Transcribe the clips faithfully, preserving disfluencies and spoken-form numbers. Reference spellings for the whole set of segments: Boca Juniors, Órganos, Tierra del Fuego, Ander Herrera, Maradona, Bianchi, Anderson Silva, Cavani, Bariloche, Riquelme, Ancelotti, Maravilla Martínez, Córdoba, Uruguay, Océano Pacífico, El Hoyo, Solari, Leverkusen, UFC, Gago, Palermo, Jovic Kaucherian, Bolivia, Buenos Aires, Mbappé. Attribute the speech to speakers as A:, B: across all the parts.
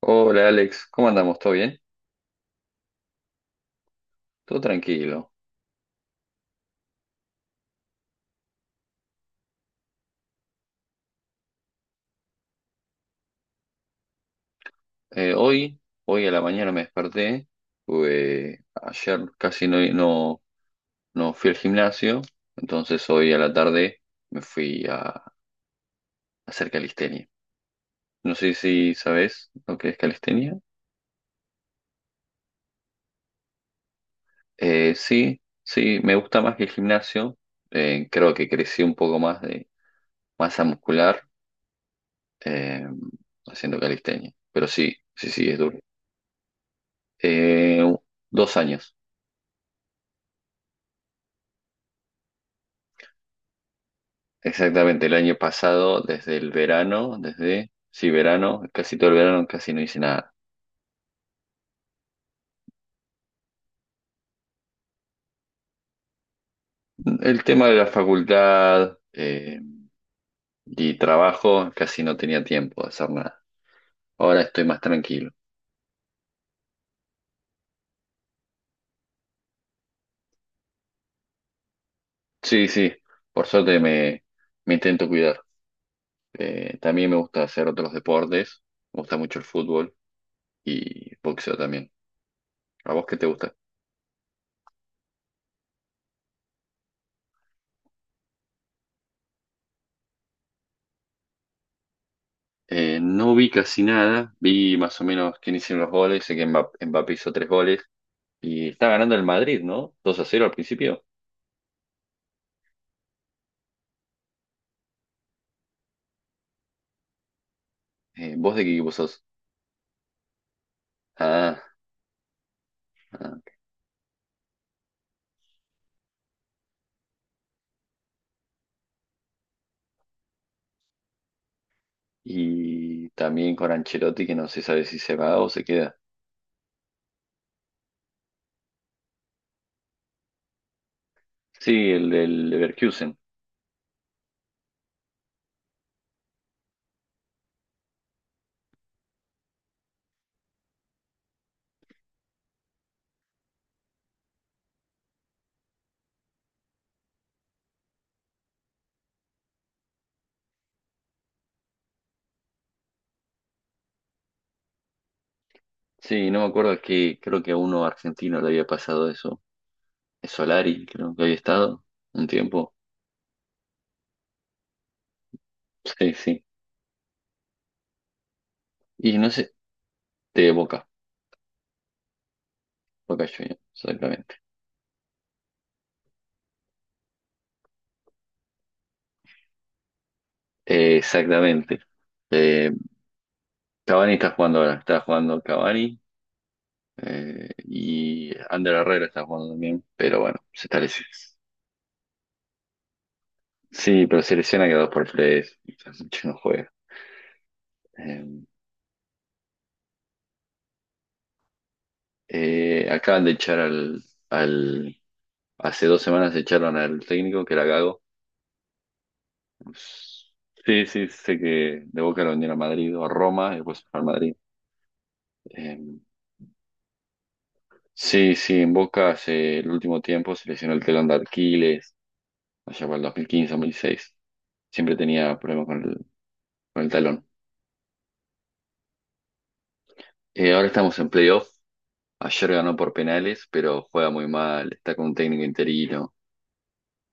A: Hola Alex, ¿cómo andamos? ¿Todo bien? Todo tranquilo. Eh, hoy, hoy a la mañana me desperté, tuve- ayer casi no, no, no fui al gimnasio, entonces hoy a la tarde me fui a, a hacer calistenia. No sé si sabes lo que es calistenia. Eh, sí, sí, me gusta más que el gimnasio. Eh, creo que crecí un poco más de masa muscular eh, haciendo calistenia, pero sí, sí, sí, es duro. Eh, Dos años. Exactamente, el año pasado, desde el verano, desde, sí, verano, casi todo el verano, casi no hice nada. El tema de la facultad eh, y trabajo, casi no tenía tiempo de hacer nada. Ahora estoy más tranquilo. Sí, sí, por suerte me, me intento cuidar. Eh, también me gusta hacer otros deportes, me gusta mucho el fútbol y boxeo también. ¿A vos qué te gusta? Eh, no vi casi nada, vi más o menos quién hicieron los goles, sé que Mbappé Mbappé hizo tres goles. Y está ganando el Madrid, ¿no? Dos a cero al principio. Eh, ¿vos de qué equipo sos? Ah, ah. Y también con Ancelotti, que no se sabe si se va o se queda. Sí, el del Leverkusen. Sí, no me acuerdo, que creo que a uno argentino le había pasado eso. Es Solari, creo que había estado un tiempo. Sí, sí. Y no sé, de Boca, Boca Juniors, exactamente. Eh, exactamente. Eh, Cavani está jugando ahora, está jugando Cavani Eh, y Ander Herrera está jugando también, pero bueno, se está lesi- Sí, pero se lesiona cada dos por Fres, mucho no juega. Eh, eh, Acaban de echar al, al. Hace dos semanas echaron al técnico, que era Gago. Pues, sí, sí, sé que de Boca lo vendieron a Madrid o a Roma y después al Madrid. Eh, sí, sí, en Boca hace el último tiempo se lesionó el telón de Aquiles, allá para el dos mil quince, dos mil dieciséis. Siempre tenía problemas con el, con el talón. Eh, ahora estamos en playoff. Ayer ganó por penales, pero juega muy mal, está con un técnico interino.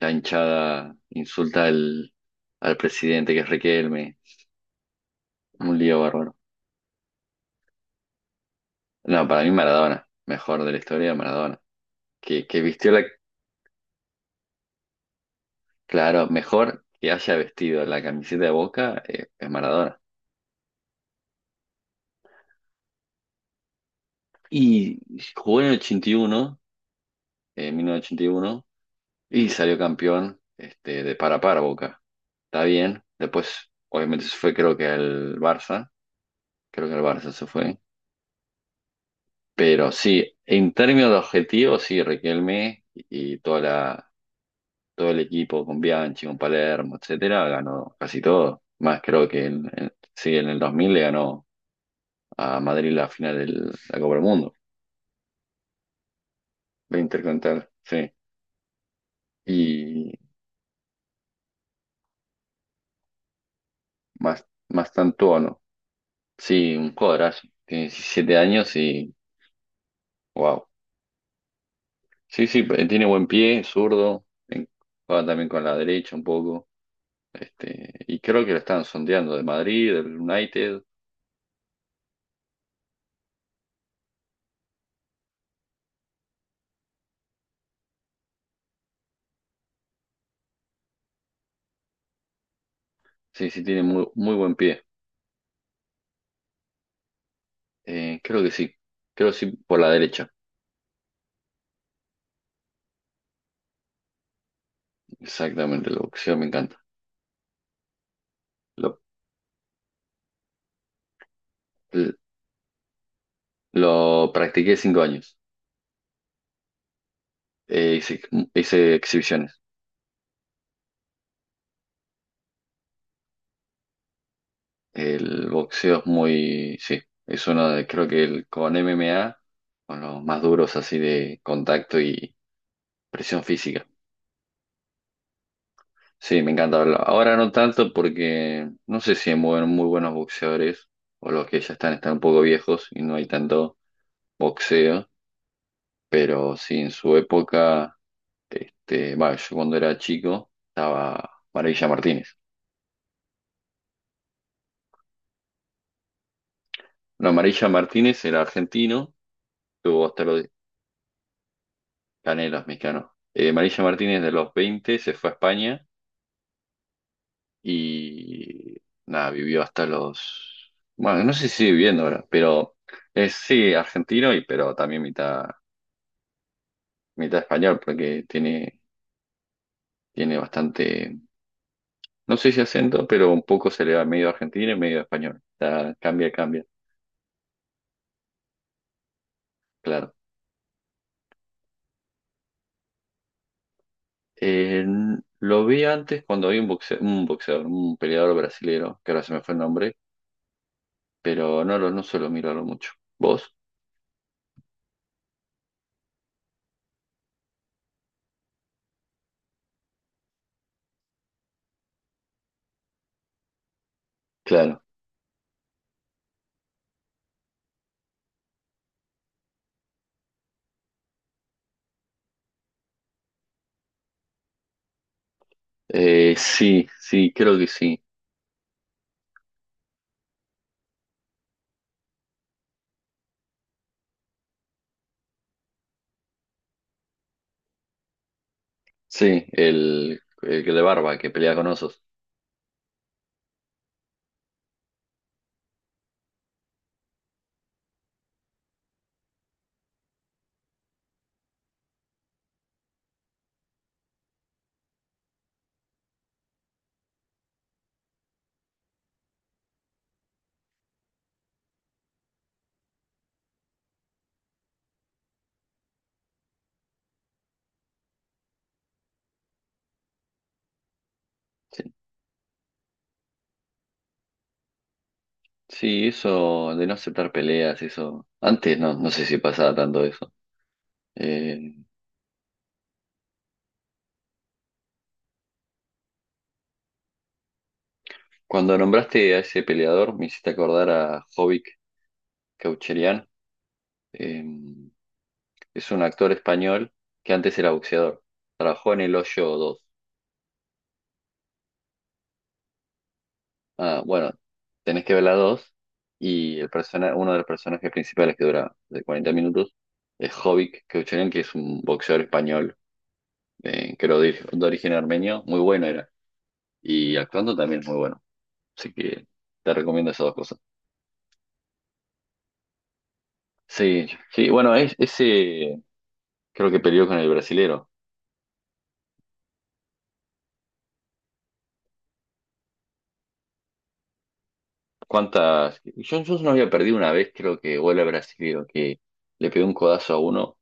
A: La hinchada insulta al, al presidente, que es Riquelme. Un lío bárbaro. No, para mí Maradona, mejor de la historia Maradona. Que, que vistió la, claro, mejor que haya vestido la camiseta de Boca eh, es Maradona. Y jugó en el ochenta y uno, en mil novecientos ochenta y uno, y uno, y salió campeón este, de para a para Boca. Está bien. Después, obviamente, se fue creo que al Barça. Creo que al Barça se fue. Pero sí, en términos de objetivos, sí, Riquelme y toda la, todo el equipo con Bianchi, con Palermo, etcétera, ganó casi todo. Más creo que en, en- sí, en el dos mil le ganó a Madrid la final de la Copa del Mundo, la Intercontinental, sí. Y más, más tanto, ¿no? Sí, un jugadorazo. Tiene diecisiete años y wow. Sí, sí, pe- tiene buen pie, zurdo, en- juega también con la derecha un poco. Este, y creo que lo están sondeando de Madrid, del United. Sí, sí, tiene muy, muy buen pie. Eh, creo que sí. Creo que sí, por la derecha. Exactamente, el boxeo me encanta. Lo, lo practiqué cinco años. Eh, hice, Hice exhibiciones. El boxeo es muy, sí, es uno de, creo que el, con M M A, con los más duros así de contacto y presión física. Sí, me encanta verlo. Ahora no tanto porque no sé si hay muy, muy buenos boxeadores o los que ya están, están un poco viejos y no hay tanto boxeo. Pero sí, en su época, este, bueno, yo cuando era chico estaba Maravilla Martínez. No, Maravilla Martínez era argentino, tuvo hasta los canelos mexicanos. Eh, Maravilla Martínez de los veinte se fue a España y nada, vivió hasta los... Bueno, no sé si sigue viviendo ahora, pero es sí argentino y pero también mitad, mitad español porque tiene, tiene bastante, no sé si acento, pero un poco se le va medio argentino y medio español. O sea, cambia, cambia, claro. Eh, lo vi antes cuando vi un boxeador, un boxeador, un peleador brasilero que ahora se me fue el nombre, pero no, lo- no suelo mirarlo mucho. ¿Vos? Claro. Eh, sí, sí, creo que sí. Sí, el, el que de barba, que pelea con osos. Sí. Sí, eso de no aceptar peleas, eso. Antes no, no sé si pasaba tanto eso. Eh, Cuando nombraste a ese peleador, me hiciste acordar a Jovic Kaucherian. Es un actor español que antes era boxeador. Trabajó en El Hoyo dos. Ah, bueno, tenés que ver la dos y el persona, uno de los personajes principales que dura de cuarenta minutos es Jovic Keuchelen, que es un boxeador español eh, que era de, de origen armenio. Muy bueno era. Y actuando también es muy bueno. Así que te recomiendo esas dos cosas. Sí, sí, bueno, es, ese creo que peleó con el brasilero. ¿Cuántas? Yo, yo no había perdido una vez, creo que, o el brasilero, que le pegó un codazo a uno.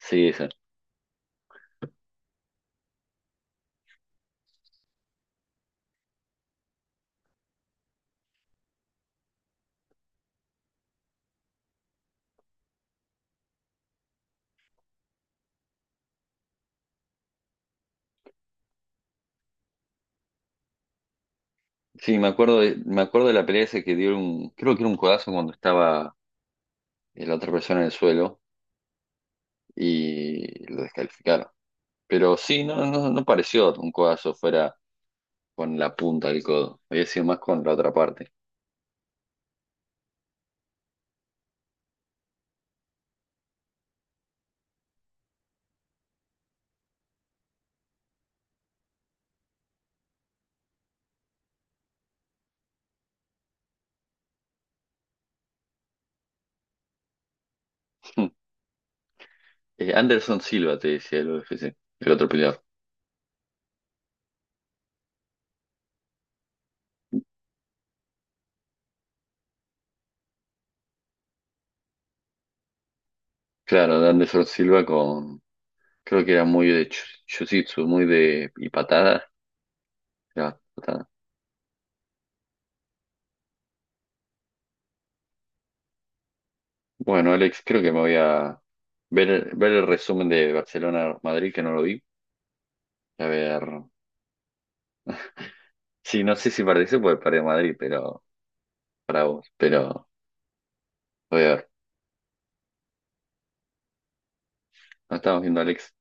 A: Sí, esa. Sí, me acuerdo de, me acuerdo de la pelea esa que dio un, creo que era un codazo cuando estaba eh, la otra persona en el suelo y lo descalificaron. Pero sí, no, no, no pareció un codazo fuera con la punta del codo. Había sido más con la otra parte. Eh, Anderson Silva te decía el U F C, el otro peleador. Claro, de Anderson Silva con, creo que era muy de jiu- jiu-jitsu, muy de, y patadas. Era patada. Bueno, Alex, creo que me voy a ver, ver el resumen de Barcelona-Madrid, que no lo vi. A ver. Sí, no sé si participo porque perdí Madrid, pero para vos. Pero voy a ver. No estamos viendo, a Alex.